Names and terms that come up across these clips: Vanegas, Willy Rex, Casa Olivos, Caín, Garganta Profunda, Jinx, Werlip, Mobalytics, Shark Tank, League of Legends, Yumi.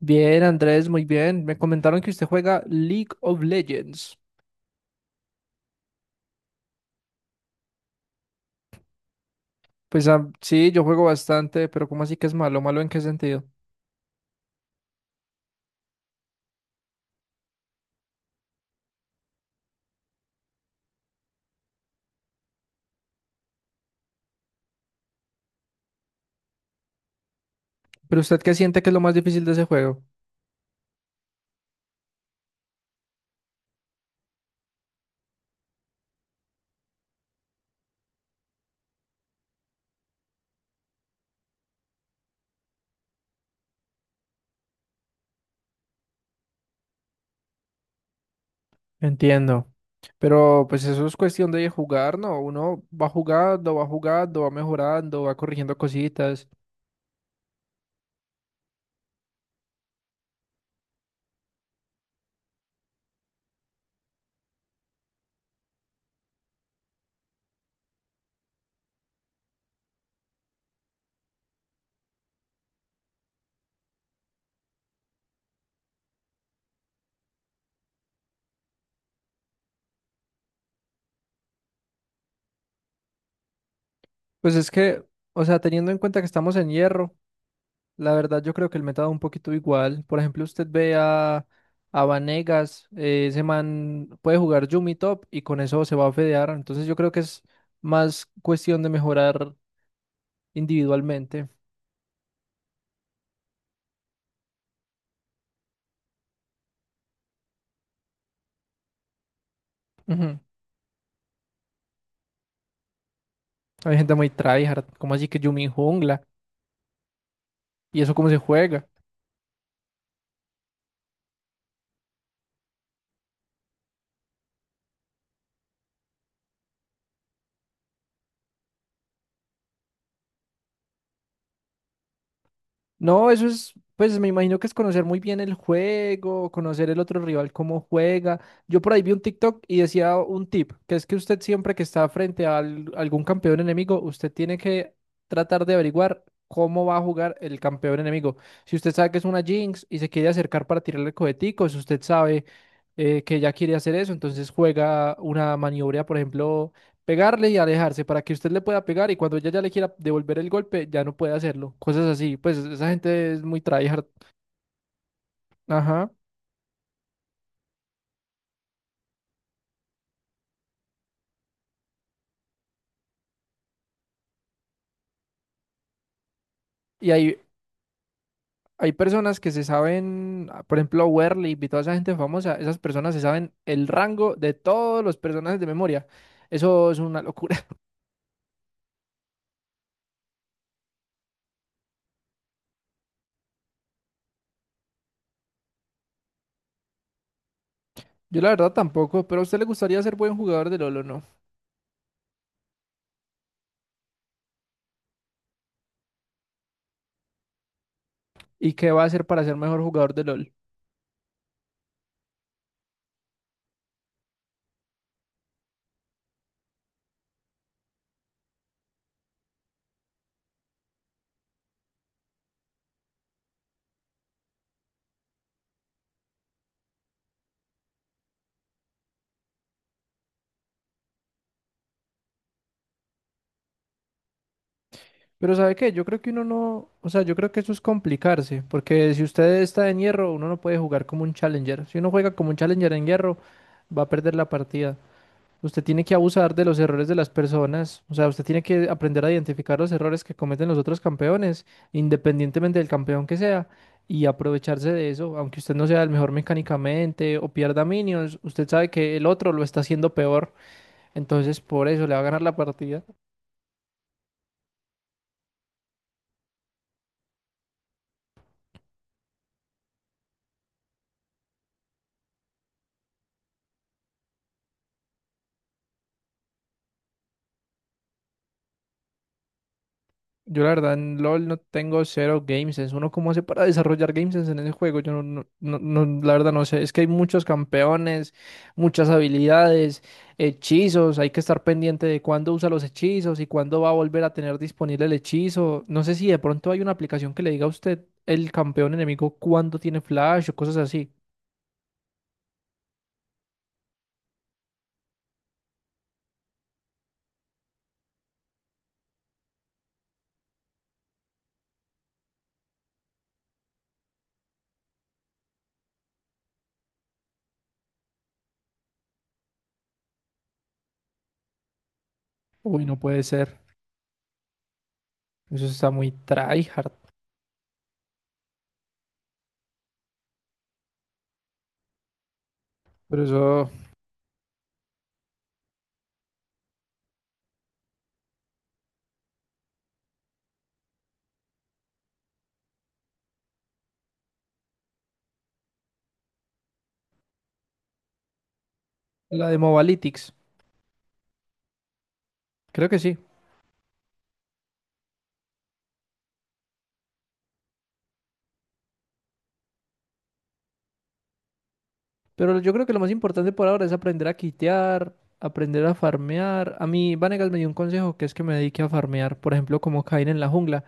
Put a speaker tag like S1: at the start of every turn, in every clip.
S1: Bien, Andrés, muy bien. Me comentaron que usted juega League of Legends. Pues ah, sí, yo juego bastante, pero ¿cómo así que es malo? ¿Malo en qué sentido? ¿Pero usted qué siente que es lo más difícil de ese juego? Entiendo. Pero pues eso es cuestión de jugar, ¿no? Uno va jugando, va jugando, va mejorando, va corrigiendo cositas. Pues es que, o sea, teniendo en cuenta que estamos en hierro. La verdad, yo creo que el meta da un poquito igual. Por ejemplo, usted ve a Vanegas, ese man puede jugar Yumi top y con eso se va a fedear. Entonces, yo creo que es más cuestión de mejorar individualmente. Ujú. Hay gente muy tryhard, como así que Yumi jungla? ¿Y eso cómo se juega? No, eso es, pues me imagino que es conocer muy bien el juego, conocer el otro rival cómo juega. Yo por ahí vi un TikTok y decía un tip, que es que usted siempre que está frente a algún campeón enemigo, usted tiene que tratar de averiguar cómo va a jugar el campeón enemigo. Si usted sabe que es una Jinx y se quiere acercar para tirarle coheticos, usted sabe que ya quiere hacer eso, entonces juega una maniobra, por ejemplo pegarle y alejarse para que usted le pueda pegar y cuando ella ya le quiera devolver el golpe, ya no puede hacerlo. Cosas así. Pues esa gente es muy tryhard. Ajá. Y hay personas que se saben, ah, por ejemplo, Werlip y toda esa gente famosa, esas personas se saben el rango de todos los personajes de memoria. Eso es una locura. Yo la verdad tampoco, pero a usted le gustaría ser buen jugador de LOL o no. ¿Y qué va a hacer para ser mejor jugador de LOL? Pero ¿sabe qué? Yo creo que uno no, o sea, yo creo que eso es complicarse, porque si usted está en hierro, uno no puede jugar como un challenger. Si uno juega como un challenger en hierro, va a perder la partida. Usted tiene que abusar de los errores de las personas, o sea, usted tiene que aprender a identificar los errores que cometen los otros campeones, independientemente del campeón que sea, y aprovecharse de eso, aunque usted no sea el mejor mecánicamente o pierda minions, usted sabe que el otro lo está haciendo peor, entonces por eso le va a ganar la partida. Yo la verdad en LOL no tengo cero game sense. ¿Uno cómo hace para desarrollar game sense en ese juego? Yo no, no, no, la verdad no sé. Es que hay muchos campeones, muchas habilidades, hechizos. Hay que estar pendiente de cuándo usa los hechizos y cuándo va a volver a tener disponible el hechizo. No sé si de pronto hay una aplicación que le diga a usted el campeón enemigo cuándo tiene flash o cosas así. Uy, no puede ser. Eso está muy tryhard. Pero eso, la de Mobalytics. Creo que sí. Pero yo creo que lo más importante por ahora es aprender a quitear, aprender a farmear. A mí Vanegas me dio un consejo que es que me dedique a farmear, por ejemplo, como Caín en la jungla.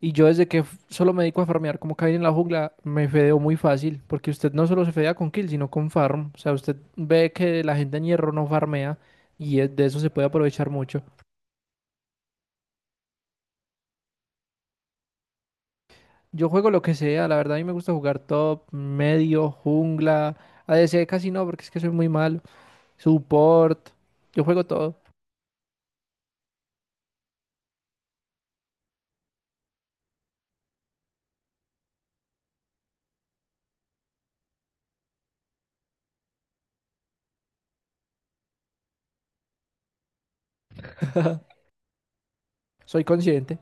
S1: Y yo desde que solo me dedico a farmear como Caín en la jungla, me fedeo muy fácil, porque usted no solo se fedea con kill, sino con farm. O sea, usted ve que la gente en hierro no farmea y de eso se puede aprovechar mucho. Yo juego lo que sea, la verdad a mí me gusta jugar top, medio, jungla, ADC casi no, porque es que soy muy malo, support, yo juego todo. Soy consciente.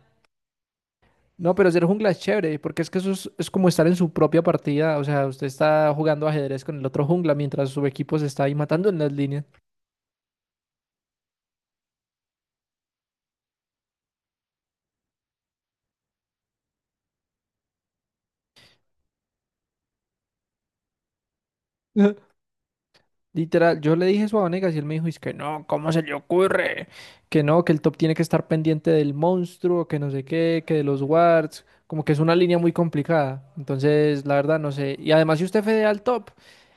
S1: No, pero ser jungla es chévere, porque es que eso es como estar en su propia partida. O sea, usted está jugando ajedrez con el otro jungla mientras su equipo se está ahí matando en las líneas. Literal, yo le dije eso a Vanegas y él me dijo, es que no, ¿cómo se le ocurre? Que no, que el top tiene que estar pendiente del monstruo, que no sé qué, que de los wards, como que es una línea muy complicada. Entonces, la verdad, no sé. Y además, si usted fedea al top,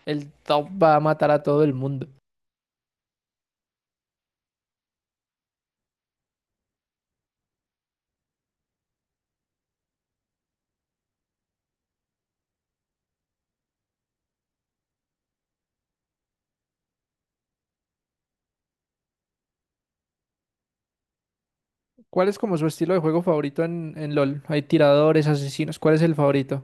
S1: el top va a matar a todo el mundo. ¿Cuál es como su estilo de juego favorito en LOL? Hay tiradores, asesinos, ¿cuál es el favorito?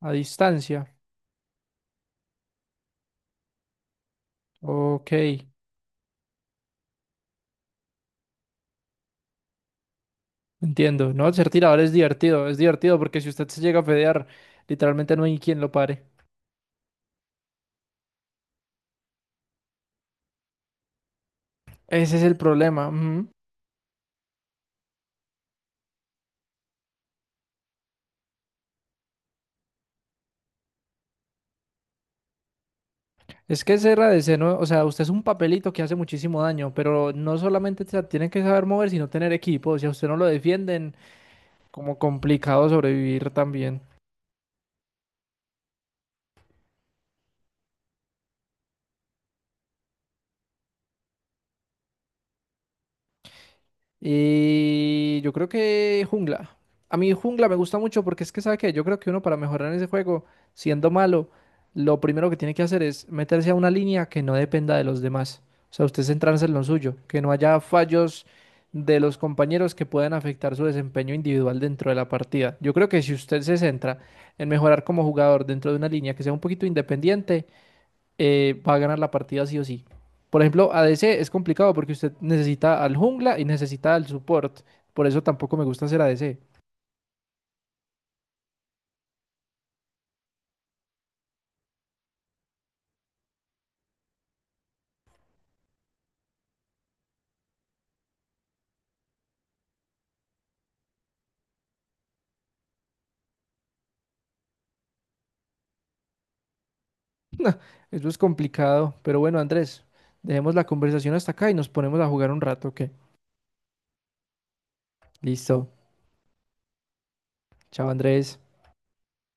S1: A distancia. Ok, entiendo. No, ser tirador es divertido porque si usted se llega a fedear, literalmente no hay quien lo pare. Ese es el problema. Ujú. Es que ese RDC, ¿no? O sea, usted es un papelito que hace muchísimo daño, pero no solamente se tiene que saber mover, sino tener equipo. Si a usted no lo defienden, como complicado sobrevivir también. Y yo creo que jungla. A mí jungla me gusta mucho porque es que, ¿sabe qué? Yo creo que uno para mejorar en ese juego, siendo malo, lo primero que tiene que hacer es meterse a una línea que no dependa de los demás. O sea, usted centrarse en lo suyo, que no haya fallos de los compañeros que puedan afectar su desempeño individual dentro de la partida. Yo creo que si usted se centra en mejorar como jugador dentro de una línea que sea un poquito independiente, va a ganar la partida sí o sí. Por ejemplo, ADC es complicado porque usted necesita al jungla y necesita al support. Por eso tampoco me gusta hacer ADC. Eso es complicado. Pero bueno, Andrés, dejemos la conversación hasta acá y nos ponemos a jugar un rato, ¿ok? Listo. Chao, Andrés.